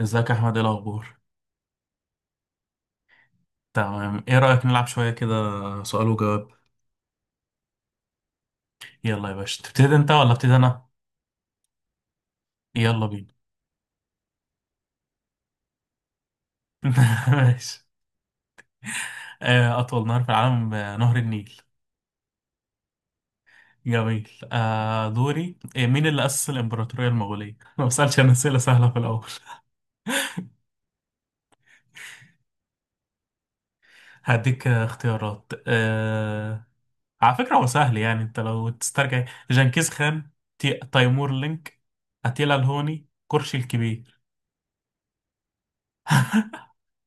ازيك يا احمد، ايه الاخبار؟ تمام. ايه رايك نلعب شويه كده؟ سؤال وجواب. يلا يا باشا، تبتدي انت ولا ابتدي انا؟ يلا بينا. ماشي. اطول نهر في العالم، نهر النيل. جميل. دوري. مين اللي اسس الامبراطوريه المغوليه؟ ما بسالش انا اسئله سهله في الاول. هديك اختيارات. على فكره هو سهل، يعني انت لو تسترجع. جنكيز خان، تيمور لينك، اتيلا الهوني، كرشي الكبير.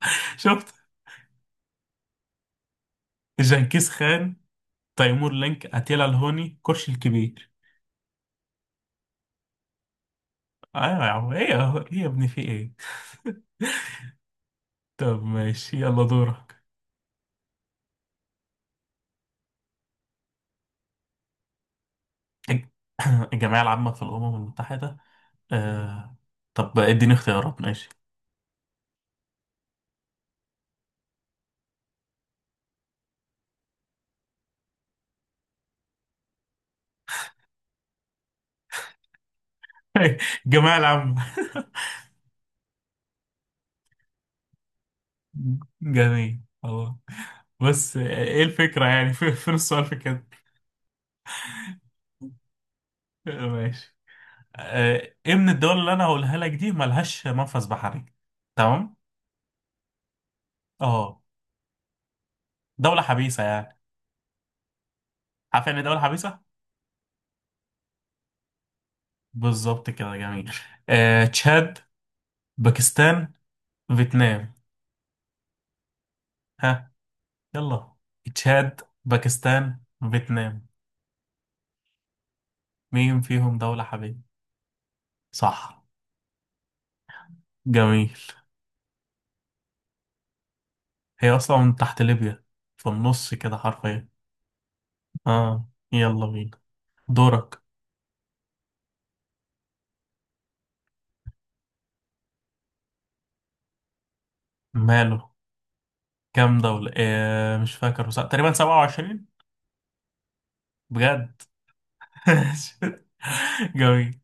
شفت؟ جنكيز خان، تيمور لينك، اتيلا الهوني، كرش الكبير. ايوه يا عم، ايه ايه يا ابني، في ايه؟ طب ماشي، يلا دورك. الج- الجمعية العامة في الأمم المتحدة؟ آه... طب اديني اختيارات، ماشي. الجمعية العامة. جميل، خلاص. بس ايه الفكرة يعني؟ فين السؤال في كده؟ ماشي. ايه من الدول اللي انا هقولها لك دي ملهاش منفذ بحري؟ تمام. اه، دولة حبيسة يعني. عارف يعني إيه دولة حبيسة؟ بالظبط كده، جميل. تشاد، باكستان، فيتنام. ها، يلا. تشاد، باكستان، فيتنام، مين فيهم دولة حبيبي؟ صح، جميل. هي أصلا من تحت ليبيا، في النص كده حرفيا. اه، يلا بينا. دورك. ماله؟ كام دولة؟ آه، مش فاكر، بس تقريبا 27. بجد. جميل.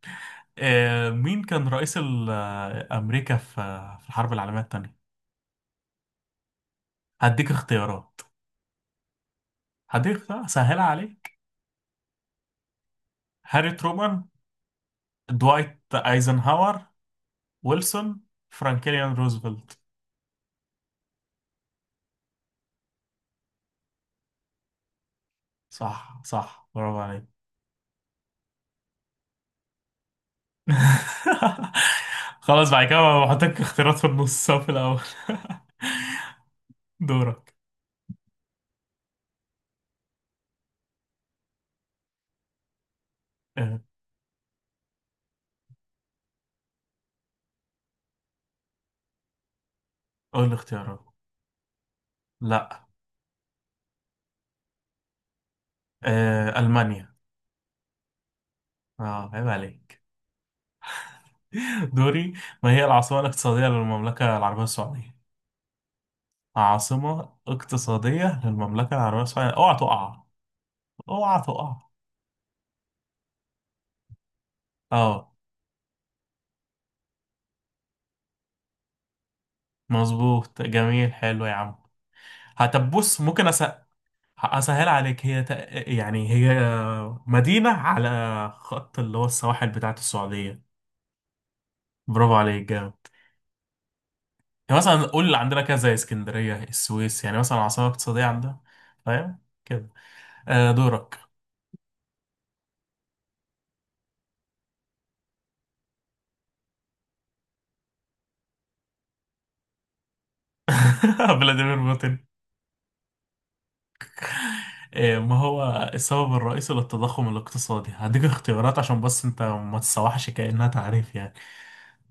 آه، مين كان رئيس أمريكا في في الحرب العالمية التانية؟ هديك اختيارات، هديك سهلة عليك. هاري ترومان، دوايت ايزنهاور، ويلسون، فرانكلين روزفلت. صح، صح، برافو عليك. خلاص، بعد كده بحطك اختيارات في النص أو في الاول. دورك. آه، قول لي اختيارات. لا، المانيا. اه، عيب عليك. دوري. ما هي العاصمة الاقتصادية للمملكة العربية السعودية؟ عاصمة اقتصادية للمملكة العربية السعودية، اوعى تقع، اوعى تقع. اه، مظبوط، جميل، حلو يا عم. هتب، بص، ممكن اسهل عليك. هي يعني هي مدينة على خط اللي هو السواحل بتاعت السعودية. برافو عليك، جامد. يعني مثلا قول اللي عندنا كده، زي اسكندرية، السويس، يعني مثلا عاصمة اقتصادية عندنا. فاهم كده. آه، دورك. فلاديمير بوتين. إيه، ما هو السبب الرئيسي للتضخم الاقتصادي؟ هديك اختيارات عشان بس انت ما تسوحش كأنها تعريف يعني.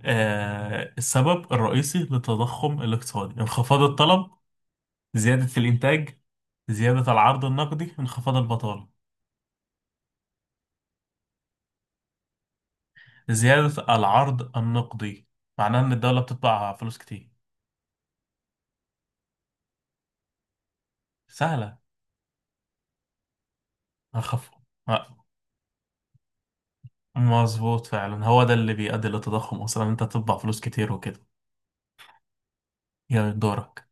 آه، السبب الرئيسي للتضخم الاقتصادي: انخفاض الطلب، زيادة الإنتاج، زيادة العرض النقدي، انخفاض البطالة. زيادة العرض النقدي معناه إن الدولة بتطبع فلوس كتير. سهلة. هخف. مظبوط، فعلا هو ده اللي بيؤدي للتضخم أصلا، إن أنت تطبع فلوس كتير وكده. يا دورك.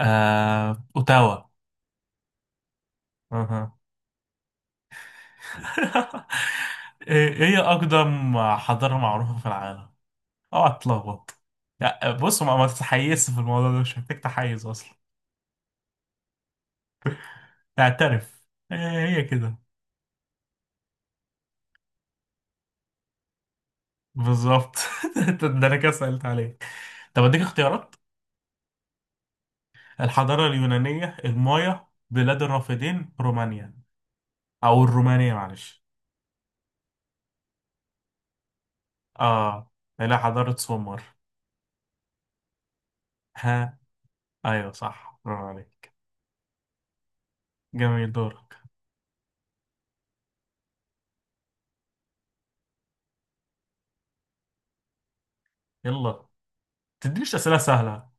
آه، أوتاوا. أها. ايه، إيه هي اقدم حضارة معروفة في العالم؟ اوعى تتلخبط. لا، بص، ما تتحيزش في الموضوع ده، مش محتاج تحيز اصلا. اعترف. هي، هي كده. بالظبط. ده انا كده سألت عليك. طب اديك اختيارات. الحضارة اليونانية، المايا، بلاد الرافدين، رومانيا، او الرومانية، معلش. اه. لا، حضارة سومر. ها، ايوه صح، برافو عليك. جميل، دورك. يلا. تدينيش اسئلة سهلة.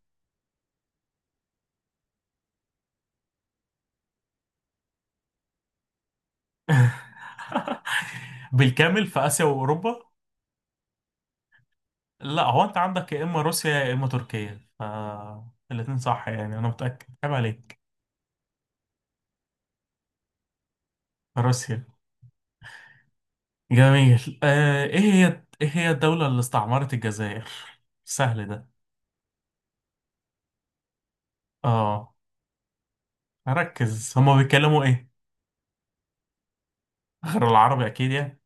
بالكامل في آسيا وأوروبا. لا، هو أنت عندك يا إما روسيا يا إما تركيا، ف الاتنين صح يعني. أنا متأكد، عيب عليك. روسيا. جميل. آه، إيه هي، إيه هي الدولة اللي استعمرت الجزائر؟ سهل ده. آه، ركز، هما بيتكلموا إيه غير العربي أكيد يعني؟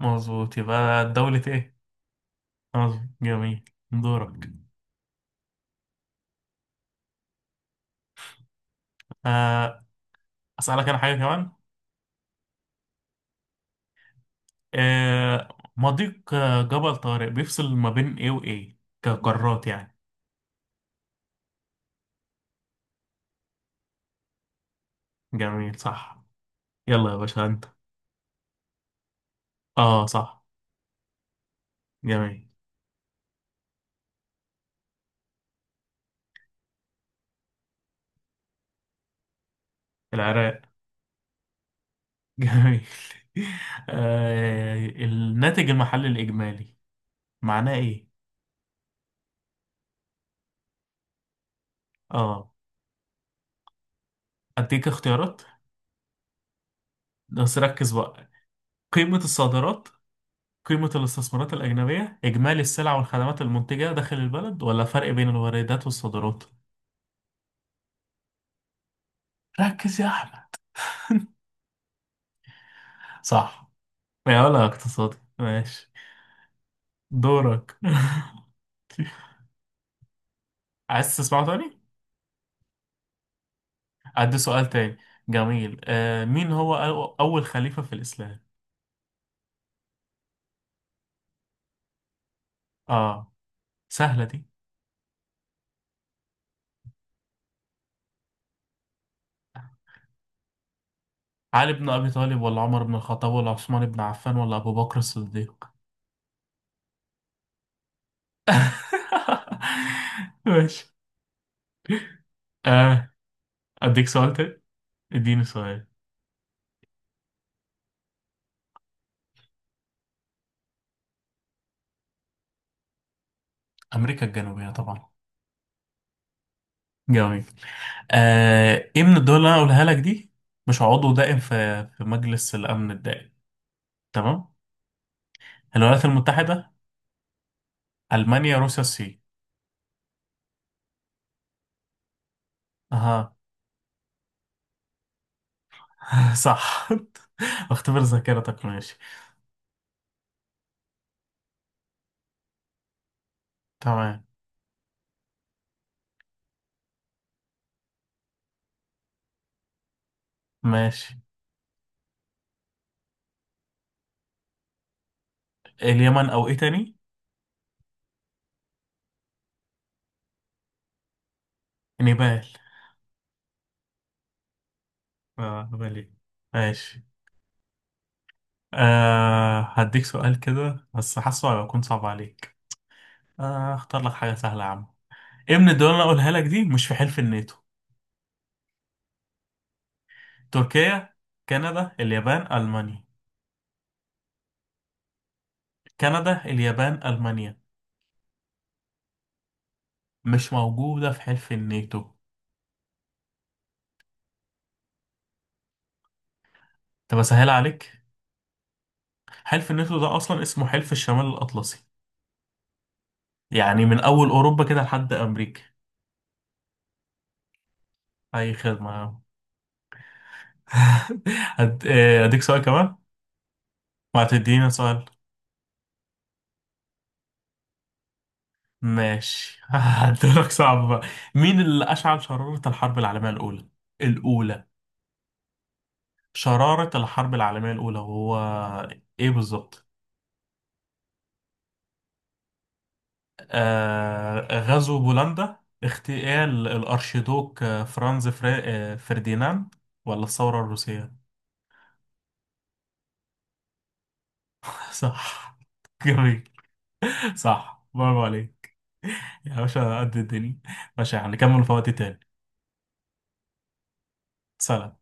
مظبوط، يبقى دولة إيه؟ مظبوط، جميل. دورك. آه، أسألك أنا حاجة كمان. آه، مضيق جبل طارق بيفصل ما بين ايه وايه كقارات يعني؟ جميل، صح. يلا يا باشا انت. اه، صح. جميل. العراق. جميل. آه، الناتج المحلي الاجمالي معناه ايه؟ اه. اديك اختيارات. بس ركز بقى: قيمة الصادرات، قيمة الاستثمارات الأجنبية، إجمالي السلع والخدمات المنتجة داخل البلد، ولا فرق بين الواردات والصادرات. ركز يا أحمد. صح. يا ولا اقتصادي، ماشي. دورك. عايز تسمعه تاني؟ أدي سؤال تاني. جميل. آه، مين هو أول خليفة في الإسلام؟ آه، سهلة دي. علي بن أبي طالب، ولا عمر بن الخطاب، ولا عثمان بن عفان، ولا أبو بكر الصديق؟ ماشي. آه، أديك سؤال تاني؟ اديني سؤال. أمريكا الجنوبية طبعا. جميل. آه، إيه من الدول اللي أنا قولها لك دي مش عضو دائم في في مجلس الأمن الدائم؟ تمام؟ الولايات المتحدة، ألمانيا، روسيا، الصين. اها. صح. اختبر ذاكرتك. ماشي. تمام. ماشي. اليمن، او ايه تاني؟ نيبال. اه، نيبال، إيه؟ ماشي. آه، هديك سؤال كده بس حاسه هيكون صعب عليك. آه، اختار لك حاجة سهلة يا عم. ايه من الدول اللي انا اقولها لك دي مش في حلف الناتو؟ تركيا، كندا، اليابان، المانيا. كندا، اليابان، المانيا، مش موجودة في حلف الناتو. طب اسهل عليك. حلف الناتو ده اصلا اسمه حلف الشمال الاطلسي، يعني من اول اوروبا كده لحد امريكا. اي خدمه. اديك سؤال كمان. ما هتدينا سؤال. ماشي. هديلك صعب بقى. مين اللي اشعل شراره الحرب العالميه الاولى. شراره الحرب العالميه الاولى، وهو ايه بالظبط؟ آه، غزو بولندا، اغتيال الارشيدوك فرانز فري... آه، فرديناند، ولا الثوره الروسيه. صح. جميل. صح، برافو عليك. يا باشا قد الدنيا. باشا، هنكمل في وقت تاني. سلام.